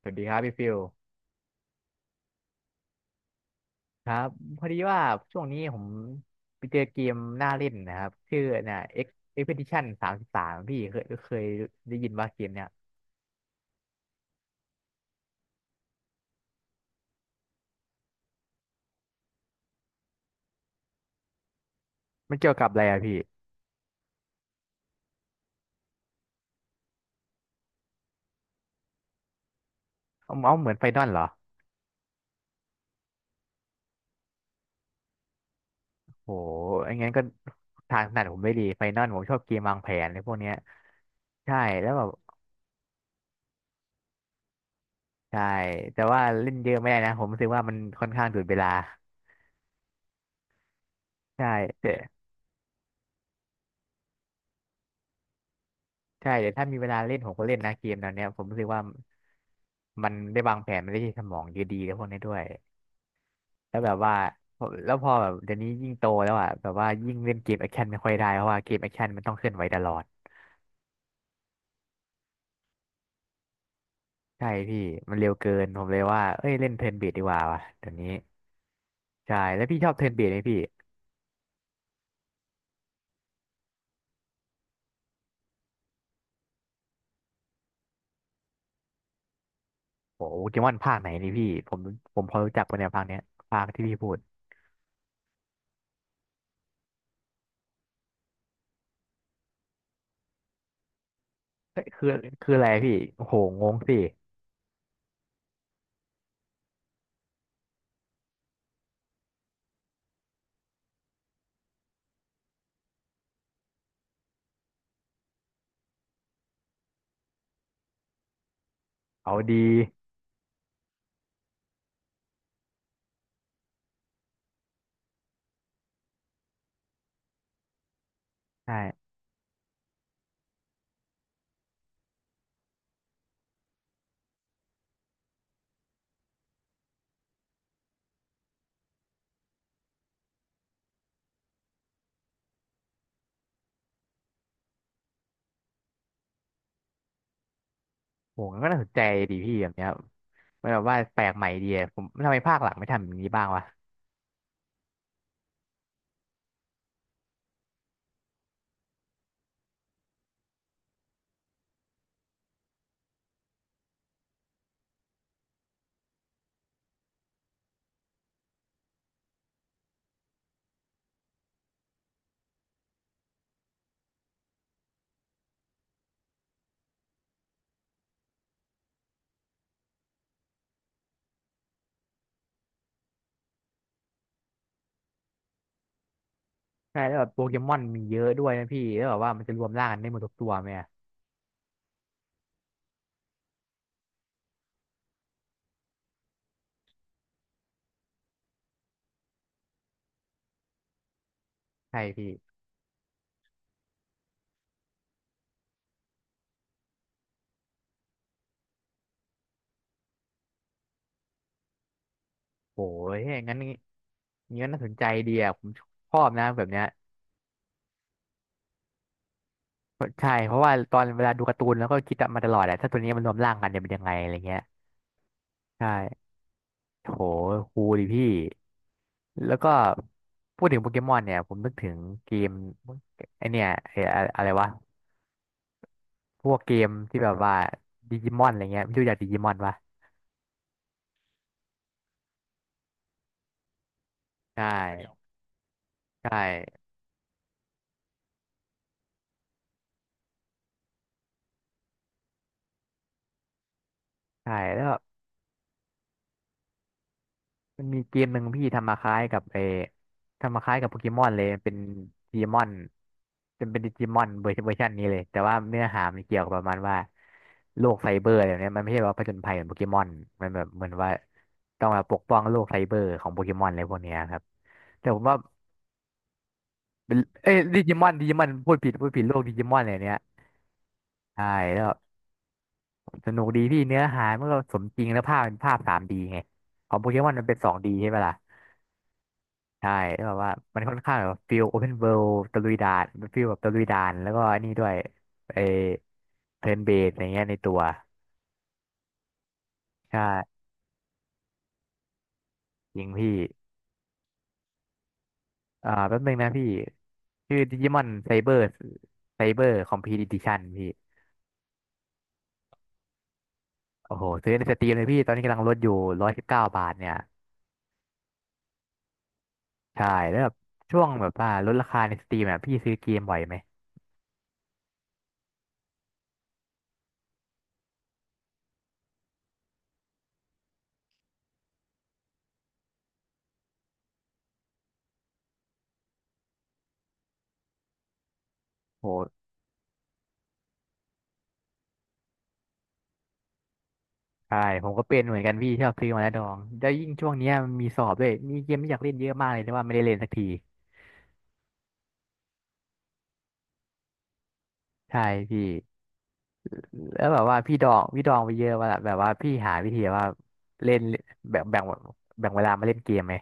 สวัสดีครับพี่ฟิลครับพอดีว่าช่วงนี้ผมไปเจอเกมน่าเล่นนะครับชื่อเนี่ย X Expedition 33พี่เคยได้ยินว่าเกมเนี่ยมันเกี่ยวกับอะไรอะพี่เอาเอาเหมือนไฟนอลเหรอโหอย่างงั้นก็ทางถนัดผมไม่ดีไฟนอลผมชอบเกมวางแผนในพวกเนี้ยใช่แล้วแบบใช่แต่ว่าเล่นเยอะไม่ได้นะผมรู้สึกว่ามันค่อนข้างดูดเวลาใช่แต่ใช่แต่ถ้ามีเวลาเล่นผมก็เล่นนะเกมแนวเนี้ยผมรู้สึกว่ามันได้วางแผนมันได้ใช้สมองเยอะดีแล้วพวกนี้ด้วย แล้วแบบว่าพอแบบเดี๋ยวนี้ยิ่งโตแล้วอ่ะแบบว่ายิ่งเล่นเกมแอคชั่นไม่ค่อยได้เพราะว่าเกมแอคชั่นมันต้องเคลื่อนไหวตลอดใช่พี่มันเร็วเกินผมเลยว่าเอ้ยเล่นเทิร์นเบสดีกว่าว่ะเดี๋ยวนี้ใช่แล้วพี่ชอบเทิร์นเบสไหมพี่โอ้โหเกมอนภาคไหนนี่พี่ผมผมพอรู้จักปะเนี่ยภาคเนี้ยภาคที่พี่พูดเอ้ยคือคืออะไรพี่โอ้โหงงสิเอาดีใช่โอ้โหมันก็น่าสนใจดีพี่แบบเนี้ยมันแบบว่าแปลกใหม่ดีอะผมทำไมภาคหลังไม่ทำอย่างนี้บ้างวะ ใช่แล้วแบบโปเกมอนมีเยอะด้วยนะพี่แล้วแบบว่ามันจะรวมร่างกันได้หมดทุกตัวไหมอะใช่พี่โอ้ยงั้นงี้งั้นน่าสนใจดีอะผมชอบนะแบบเนี้ยใช่เพราะว่าตอนเวลาดูการ์ตูนแล้วก็คิดมาตลอดแหละถ้าตัวนี้มันรวมร่างกันจะเป็นยังไงอะไรเงี้ยใช่โหคูลดิพี่แล้วก็พูดถึงโปเกมอนเนี่ยผมนึกถึงเกมไอเนี่ยไอ้อะอะไรวะพวกเกมที่แบบว่าดิจิมอนอะไรเงี้ยไม่รู้จักดิจิมอนปะใช่วใช่ใช่แล้ว มันมีเกมหนึ่งพี่ทำมาคล้ายกับทำมาคล้ายกับโปเกมอนเลยเป็นดีมอนจนเป็นดิจิมอนเวอร์ชันนี้เลยแต่ว่าเนื้อหามันเกี่ยวกับประมาณว่าโลกไซเบอร์อะไรแบบเนี้ยมันไม่ใช่ว่าผจญภัยเหมือนโปเกมอนมันแบบเหมือนว่าต้องมาปกป้องโลกไซเบอร์ของโปเกมอนอะไรพวกเนี้ยครับแต่ผมว่าเป็นเอ้ยดิจิมอนดิจิมอนพูดผิดพูดผิดโลกดิจิมอนอะไรเนี้ยใช่แล้วสนุกดีพี่เนื้อหามันก็สมจริงแล้วภาพเป็นภาพ 3D ไงของโปเกมอนมันเป็น 2D ใช่ไหมล่ะ ใช่แล้วแบบว่ามันค่อนข้างแบบฟิลโอเพนเวิลด์ตะลุยด่านฟิลแบบตะลุยด่านแล้วก็อันนี้ด้วยไอเทิร์นเบสอะไรเงี้ยในตัวใช่จริงพี่แป๊บนึงนะพี่ชื่อดิจิมอนไซเบอร์ไซเบอร์คอมพีดิชั่นพี่โอ้โหซื้อในสตรีมเลยพี่ตอนนี้กำลังลดอยู่119บาทเนี่ยใช่แล้วแบบช่วงแบบว่าลดราคาในสตรีมอ่ะพี่ซื้อเกมบ่อยไหมโหใช่ผมก็เป็นเหมือนกันพี่ชอบซื้อมาแล้วดองแล้วยิ่งช่วงเนี้ยมันมีสอบด้วยมีเกมที่อยากเล่นเยอะมากเลยแต่ว่าไม่ได้เล่นสักที ใช่พี่แล้วแบบว่าพี่ดองพี่ดองไปเยอะว่าล่ะแบบว่าพี่หาวิธีว่าเล่นแบบแบ่งเวลามาเล่นเกมไหม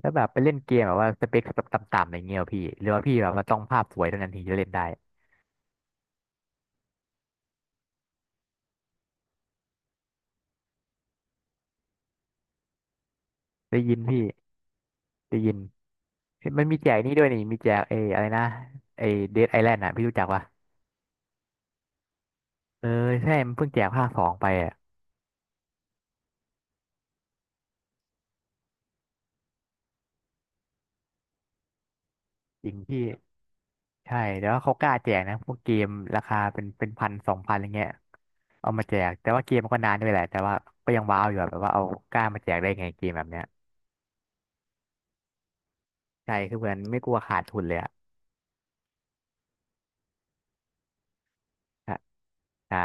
แล้วแบบไปเล่นเกมแบบว่าสเปคต่ำๆอะไรเงี้ยเหรอพี่หรือว่าพี่แบบว่าต้องภาพสวยเท่านั้นถึงจะเล่นได้ได้ยินพี่ได้ยินมันมีแจกนี่ด้วยนี่มีแจกเอออะไรนะไอเดดไอแลนด์อ่ะพี่รู้จักปะเออใช่มันเพิ่งแจกภาคสองไปอ่ะจริงพี่ ใช่แต่ว่าเขากล้าแจกนะพวกเกมราคาเป็นพัน2,000อะไรเงี้ยเอามาแจกแต่ว่าเกมมันก็นานด้วยแหละแต่ว่าก็ยังว้าวอยู่อะแบบว่าเอากล้ามาแจกได้ไงเกมแบบเนี้ยใช่คือเหมือนไม่กลัวขาดทุนเลยอะใช่ใช่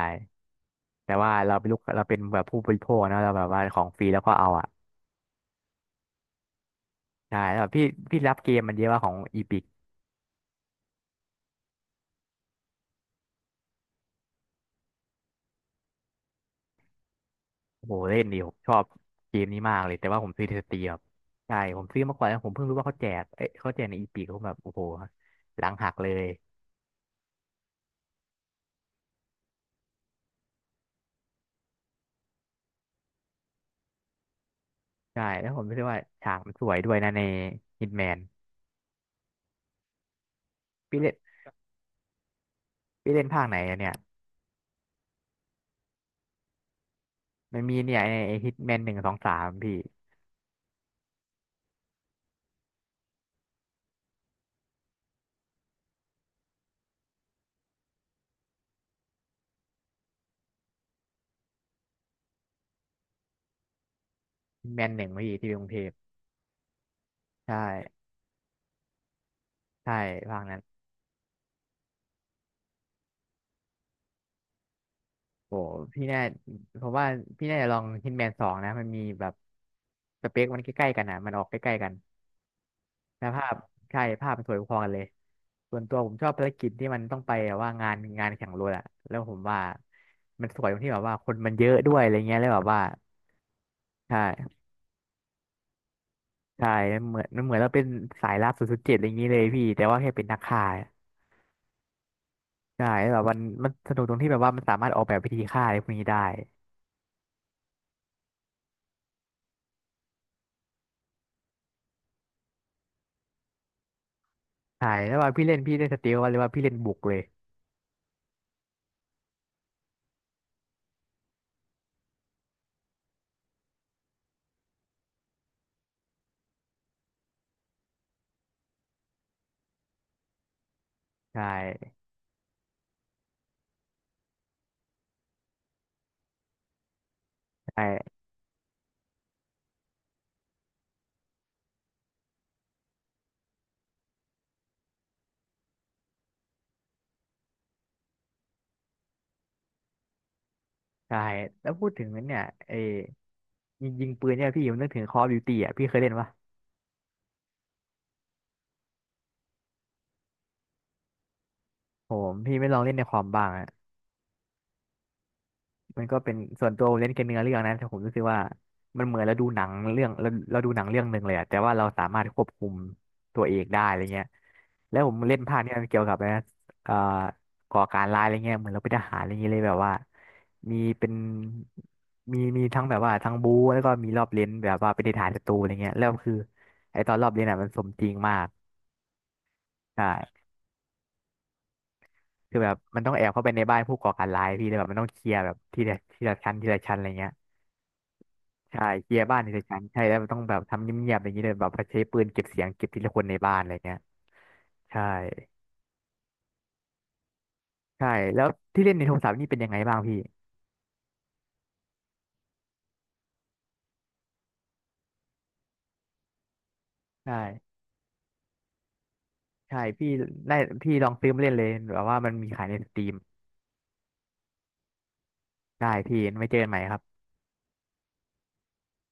แต่ว่าเราเป็นลูกเราเป็นแบบผู้บริโภคนะเราแบบว่าของฟรีแล้วก็เอาอะใช่แล้วแบบพี่พี่รับเกมมันเยอะว่าของอีพิกโอ้โหเล่นดีผมชอบเกมนี้มากเลยแต่ว่าผมซื้อในสตรีมครับใช่ผมซื้อมาก่อนแล้วผมเพิ่งรู้ว่าเขาแจกเอ้ยเขาแจกในอีพิกผมแบบโอ้โหหลังหักเลย ใช่แล้วผมรู้สึกว่าฉากมันสวยด้วยนะในฮิตแมนพี่เล่นพี่เล่นภาคไหนอะเนี่ยมันมีเนี่ยไอ้ฮิตแมนหนึ่งสองสามพี่ฮิตแมนหนึ่งพี่ที่กรุงเทพใช่ใช่ภาคนั้นโอ้พี่น่าผมว่าพี่น่าจะลองฮิตแมนสองนะมันมีแบบสเปคมันใกล้ๆกันอ่ะมันออกใกล้ๆกันแล้วภาพใช่ภาพมันสวยพอกันเลยส่วนตัวผมชอบภารกิจที่มันต้องไปแบบว่างานแข่งรถอะแล้วผมว่ามันสวยตรงที่แบบว่าคนมันเยอะด้วยอะไรเงี้ยแล้วแบบว่าใช่ ใช่เหมือนมันเหมือนเราเป็นสายลับ007อะไรอย่างนี้เลยพี่แต่ว่าแค่เป็นนักฆ่าใช่แล้วแบบมันสนุกตรงที่แบบว่ามันสามารถออกแบบวิธีฆ่าอะไรพวกนี้ได้ใช่แล้วว่าพี่เล่นสเตลว่าหรือว่าพี่เล่นบุกเลยใช่ใช่ใช่แล้วพูดถึงเนี่ยไอ้ยิงปืนเนี่ยพี่ผมนึกถึง Call of Duty อ่ะพี่เคยเล่นปะผมพี่ไม่ลองเล่นในคอมบ้างอะ มันก็เป็นส่วนตัวผมเล่นแค่เนื้อเรื่องนะแต่ผมรู้สึกว่ามันเหมือนเราดูหนังเรื่องเราเราดูหนังเรื่องหนึ่งเลยอะแต่ว่าเราสามารถควบคุมตัวเองได้อะไรเงี้ยแล้วผมเล่นภาคเนี้ยมันเกี่ยวกับนะเอ่อก่อการร้ายอะไรเงี้ยเหมือนเราเป็นทหารอะไรเงี้ยเลยแบบว่ามีเป็นมีทั้งแบบว่าทั้งบู๊แล้วก็มีรอบเล่นแบบว่าเป็นทหารศัตรูอะไรเงี้ยแล้วคือไอตอนรอบเล่นอะมันสมจริงมากใช่คือแบบมันต้องแอบเข้าไปในบ้านผู้ก่อการร้ายพี่เลยแบบมันต้องเคลียร์แบบทีละชั้นอะไรเงี้ย ใช่เคลียร์บ้านในเซสชันใช่แล้วมันต้องแบบทำเงียบๆอย่างนี้เลยแบบใช้ปืนเก็บเสียงเก็บทีละคนในบ้านอะไรเงี้ยใช่ใช่แล้วที่เล่นในโทรศัพท์นี่เป็นยังไงบ้างพี่ใช่ใช่พี่ได้พี่ลองซื้อมาเล่นเลยแบบว่ามันมีขายในสตรีมได้พี่ไว้เจอกันใหม่ครับ